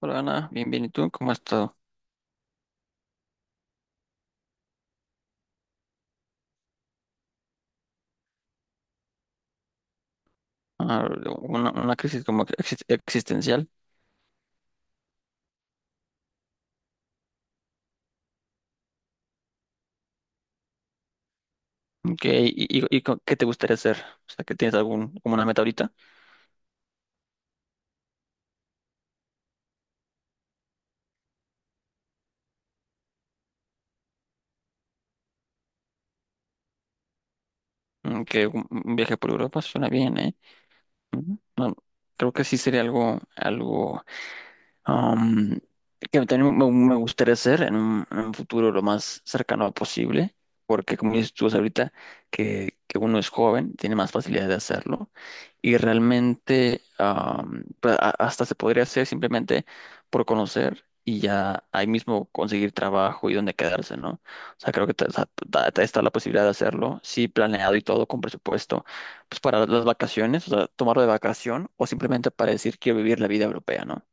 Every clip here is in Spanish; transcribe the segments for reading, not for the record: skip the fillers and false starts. Hola Ana, bien, bien. ¿Y tú? ¿Cómo has estado? Ah, una crisis como que existencial. Ok, qué te gustaría hacer? O sea, que tienes algún, como una meta ahorita. Mm, que un viaje por Europa suena bien, ¿eh? Ujú. No, creo que sí sería algo, algo um, que también me gustaría hacer en un futuro lo más cercano posible, porque como dices tú ahorita, que uno es joven, tiene más facilidad de hacerlo, y realmente pues, hasta se podría hacer simplemente por conocer y ya ahí mismo conseguir trabajo y dónde quedarse, ¿no? O sea, creo que está la posibilidad de hacerlo, sí, planeado y todo con presupuesto, pues para las vacaciones, o sea, tomarlo de vacación o simplemente para decir quiero vivir la vida europea, ¿no?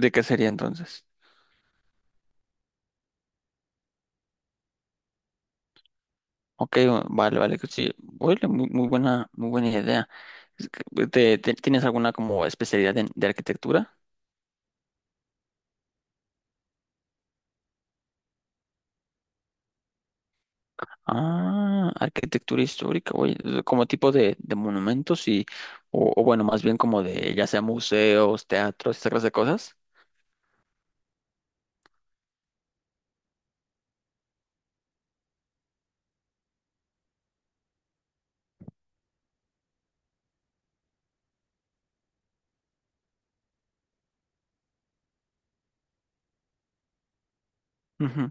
¿De qué sería entonces? Ok, vale, vale, que sí. Oye, muy, muy buena idea. Es que, tienes alguna como especialidad de arquitectura? Ah, arquitectura histórica, oye, como tipo de monumentos y, o bueno, más bien como de, ya sea museos, teatros, esa clase de cosas. Ujú,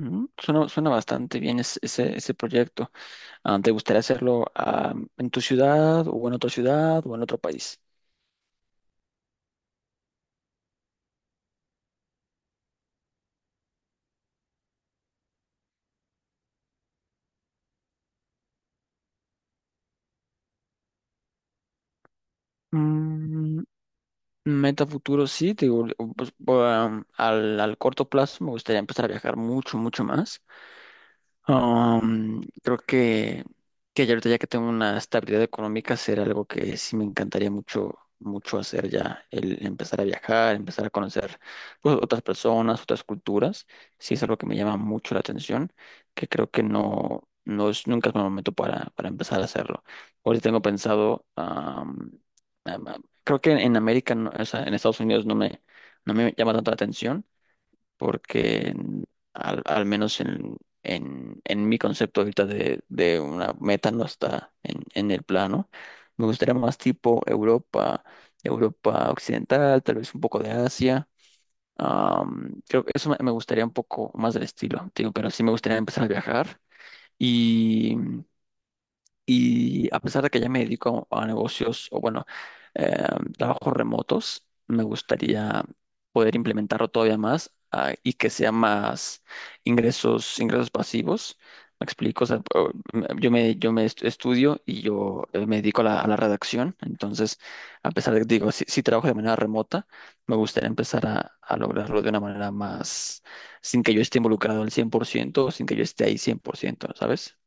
ujú. Suena, suena bastante bien ese, ese proyecto. Ah, ¿te gustaría hacerlo ah, en tu ciudad o en otra ciudad o en otro país? Meta futuro, sí, te digo, pues, al corto plazo me gustaría empezar a viajar mucho, mucho más. Creo que ya ahorita ya que tengo una estabilidad económica, será algo que sí me encantaría mucho, mucho hacer ya, el empezar a viajar, empezar a conocer pues, otras personas, otras culturas, sí es algo que me llama mucho la atención, que creo que no, no es, nunca es mal momento para empezar a hacerlo. Ahorita tengo pensado, creo que en América, o sea, en Estados Unidos no me, no me llama tanto la atención porque al menos en mi concepto ahorita de una meta no está en el plano. Me gustaría más tipo Europa, Europa Occidental, tal vez un poco de Asia. Creo que eso me gustaría un poco más del estilo, te digo, pero sí me gustaría empezar a viajar. Y y a pesar de que ya me dedico a negocios o bueno, eh, trabajos remotos, me gustaría poder implementarlo todavía más ah, y que sea más ingresos, ingresos pasivos. Me explico, o sea, yo me estudio y yo me dedico a la redacción. Entonces, a pesar de que digo, si trabajo de manera remota, me gustaría empezar a lograrlo de una manera más, sin que yo esté involucrado al cien por ciento, sin que yo esté ahí cien por ciento, ¿sabes?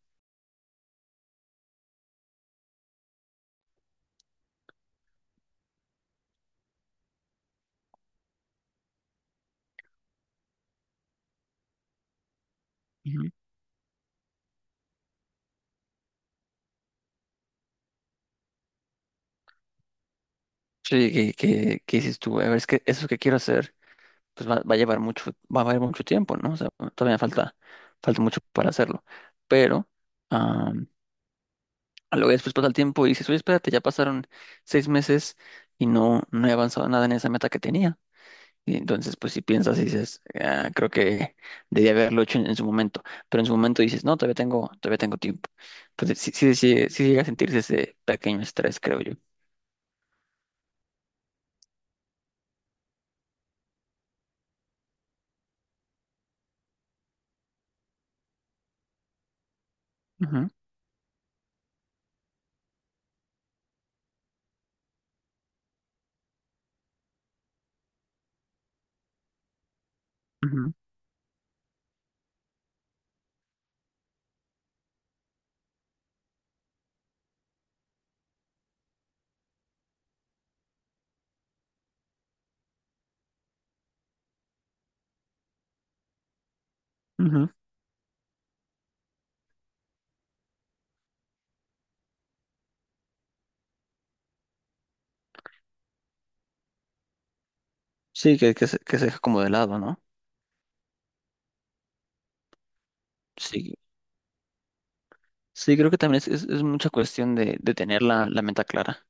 Sí, que dices tú, a ver, es que eso que quiero hacer, pues va, va a llevar mucho, va a llevar mucho tiempo, ¿no? O sea, todavía falta, falta mucho para hacerlo. Pero am, a lo que después pasa el tiempo y dices, oye, espérate, ya pasaron 6 meses y no, no he avanzado nada en esa meta que tenía. Y entonces, pues si piensas y dices, "Ah, creo que debía haberlo hecho en su momento. Pero en su momento dices, no, todavía tengo tiempo. Entonces, sí, sí, sí, sí llega a sentirse ese pequeño estrés, creo yo. Ujú, ujú, ujú. Sí, que se deja como de lado, ¿no? Sí, sí, creo que también es mucha cuestión de tener la, la meta clara.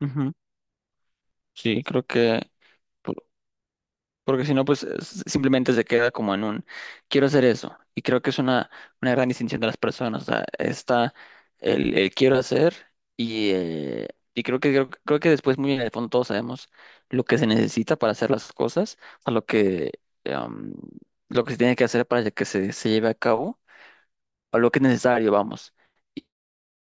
Ujú. Sí, creo que, por- porque si no, pues simplemente se queda como en un, quiero hacer eso. Y creo que es una gran distinción de las personas. O sea, está el quiero hacer y, eh, y creo que, creo, creo que después muy en el fondo todos sabemos lo que se necesita para hacer las cosas, a lo que, em, lo que se tiene que hacer para que se lleve a cabo o lo que es necesario, vamos.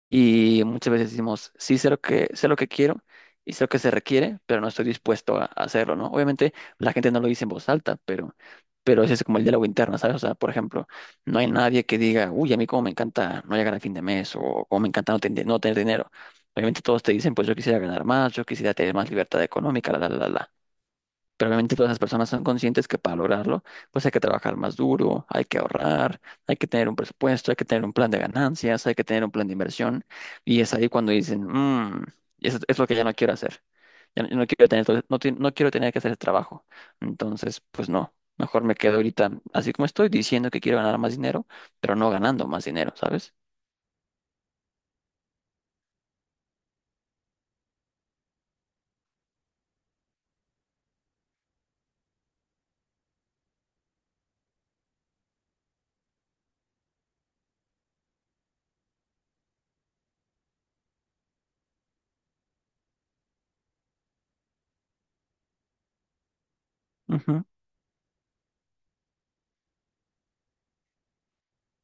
Y muchas veces decimos, sí, sé lo que quiero y sé lo que se requiere, pero no estoy dispuesto a hacerlo, ¿no? Obviamente la gente no lo dice en voz alta, pero ese es como el diálogo interno, ¿sabes? O sea, por ejemplo, no hay nadie que diga, uy, a mí cómo me encanta no llegar a fin de mes o cómo me encanta no, no tener dinero. Obviamente todos te dicen, pues yo quisiera ganar más, yo quisiera tener más libertad económica, la, la, la, la. Pero obviamente todas esas personas son conscientes que para lograrlo, pues hay que trabajar más duro, hay que ahorrar, hay que tener un presupuesto, hay que tener un plan de ganancias, hay que tener un plan de inversión. Y es ahí cuando dicen, "Mm, eso es lo que ya no quiero hacer. Ya no, no quiero tener, no quiero tener que hacer ese trabajo. Entonces, pues no, mejor me quedo ahorita así como estoy, diciendo que quiero ganar más dinero, pero no ganando más dinero, ¿sabes?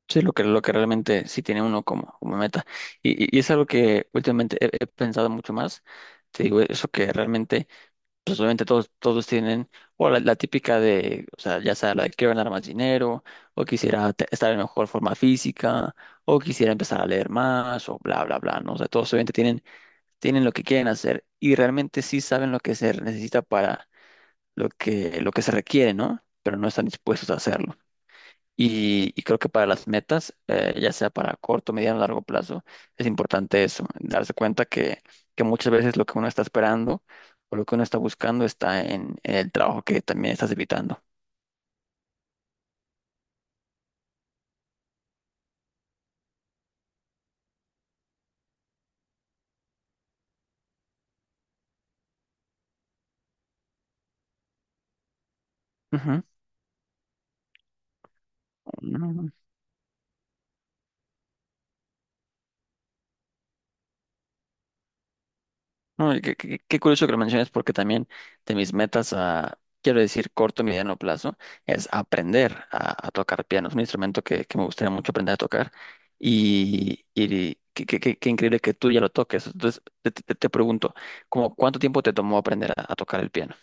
Sí, lo que realmente sí tiene uno como, como meta. Y es algo que últimamente he, he pensado mucho más. Te digo, eso que realmente, pues obviamente todos, todos tienen, o la típica de, o sea, ya sea la de quiero ganar más dinero, o quisiera estar en mejor forma física, o quisiera empezar a leer más, o bla, bla, bla, ¿no? O sea, todos obviamente tienen, tienen lo que quieren hacer y realmente sí saben lo que se necesita para lo que se requiere, ¿no? Pero no están dispuestos a hacerlo. Y creo que para las metas, ya sea para corto, mediano o largo plazo, es importante eso, darse cuenta que muchas veces lo que uno está esperando o lo que uno está buscando está en el trabajo que también estás evitando. Ujú. No, y qué, qué curioso que lo menciones porque también de mis metas a, quiero decir, corto y mediano plazo, es aprender a tocar piano. Es un instrumento que me gustaría mucho aprender a tocar y qué, qué increíble que tú ya lo toques. Entonces, te, te pregunto, ¿cómo cuánto tiempo te tomó aprender a tocar el piano?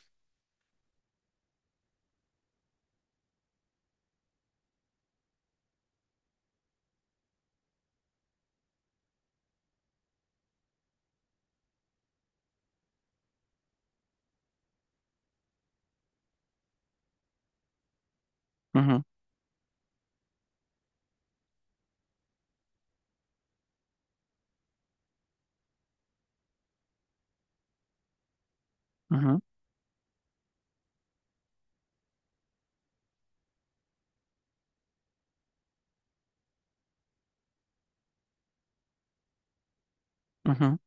Ujú, ujú, ujú.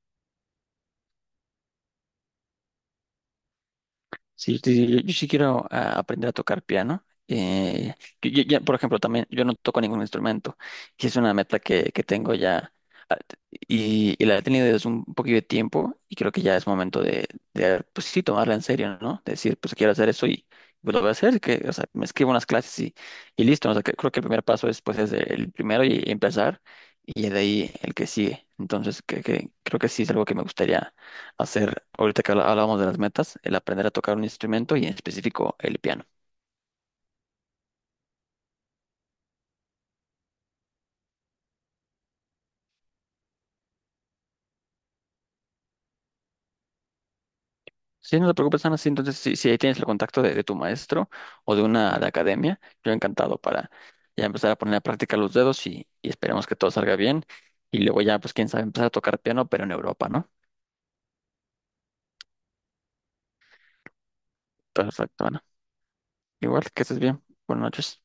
Sí, sí, sí, yo sí quiero ah, aprender a tocar piano. Yo ya, por ejemplo, también yo no toco ningún instrumento y es una meta que tengo ya y la he tenido desde un poquito de tiempo y creo que ya es momento de, pues sí, tomarla en serio, ¿no? De decir, pues quiero hacer eso y pues lo voy a hacer, que, o sea, me escribo unas clases y listo, ¿no? O sea, que creo que el primer paso es, pues, es el primero y empezar y de ahí el que sigue. Entonces, que creo que sí es algo que me gustaría hacer ahorita que hablábamos de las metas, el aprender a tocar un instrumento y en específico el piano. Sí, no te preocupes, Ana. Sí, entonces, si ahí tienes el contacto de tu maestro o de una de academia, yo encantado para ya empezar a poner a práctica los dedos y esperemos que todo salga bien. Y luego ya, pues quién sabe, empezar a tocar piano, pero en Europa, ¿no? Perfecto, Ana. Igual, que estés bien. Buenas noches.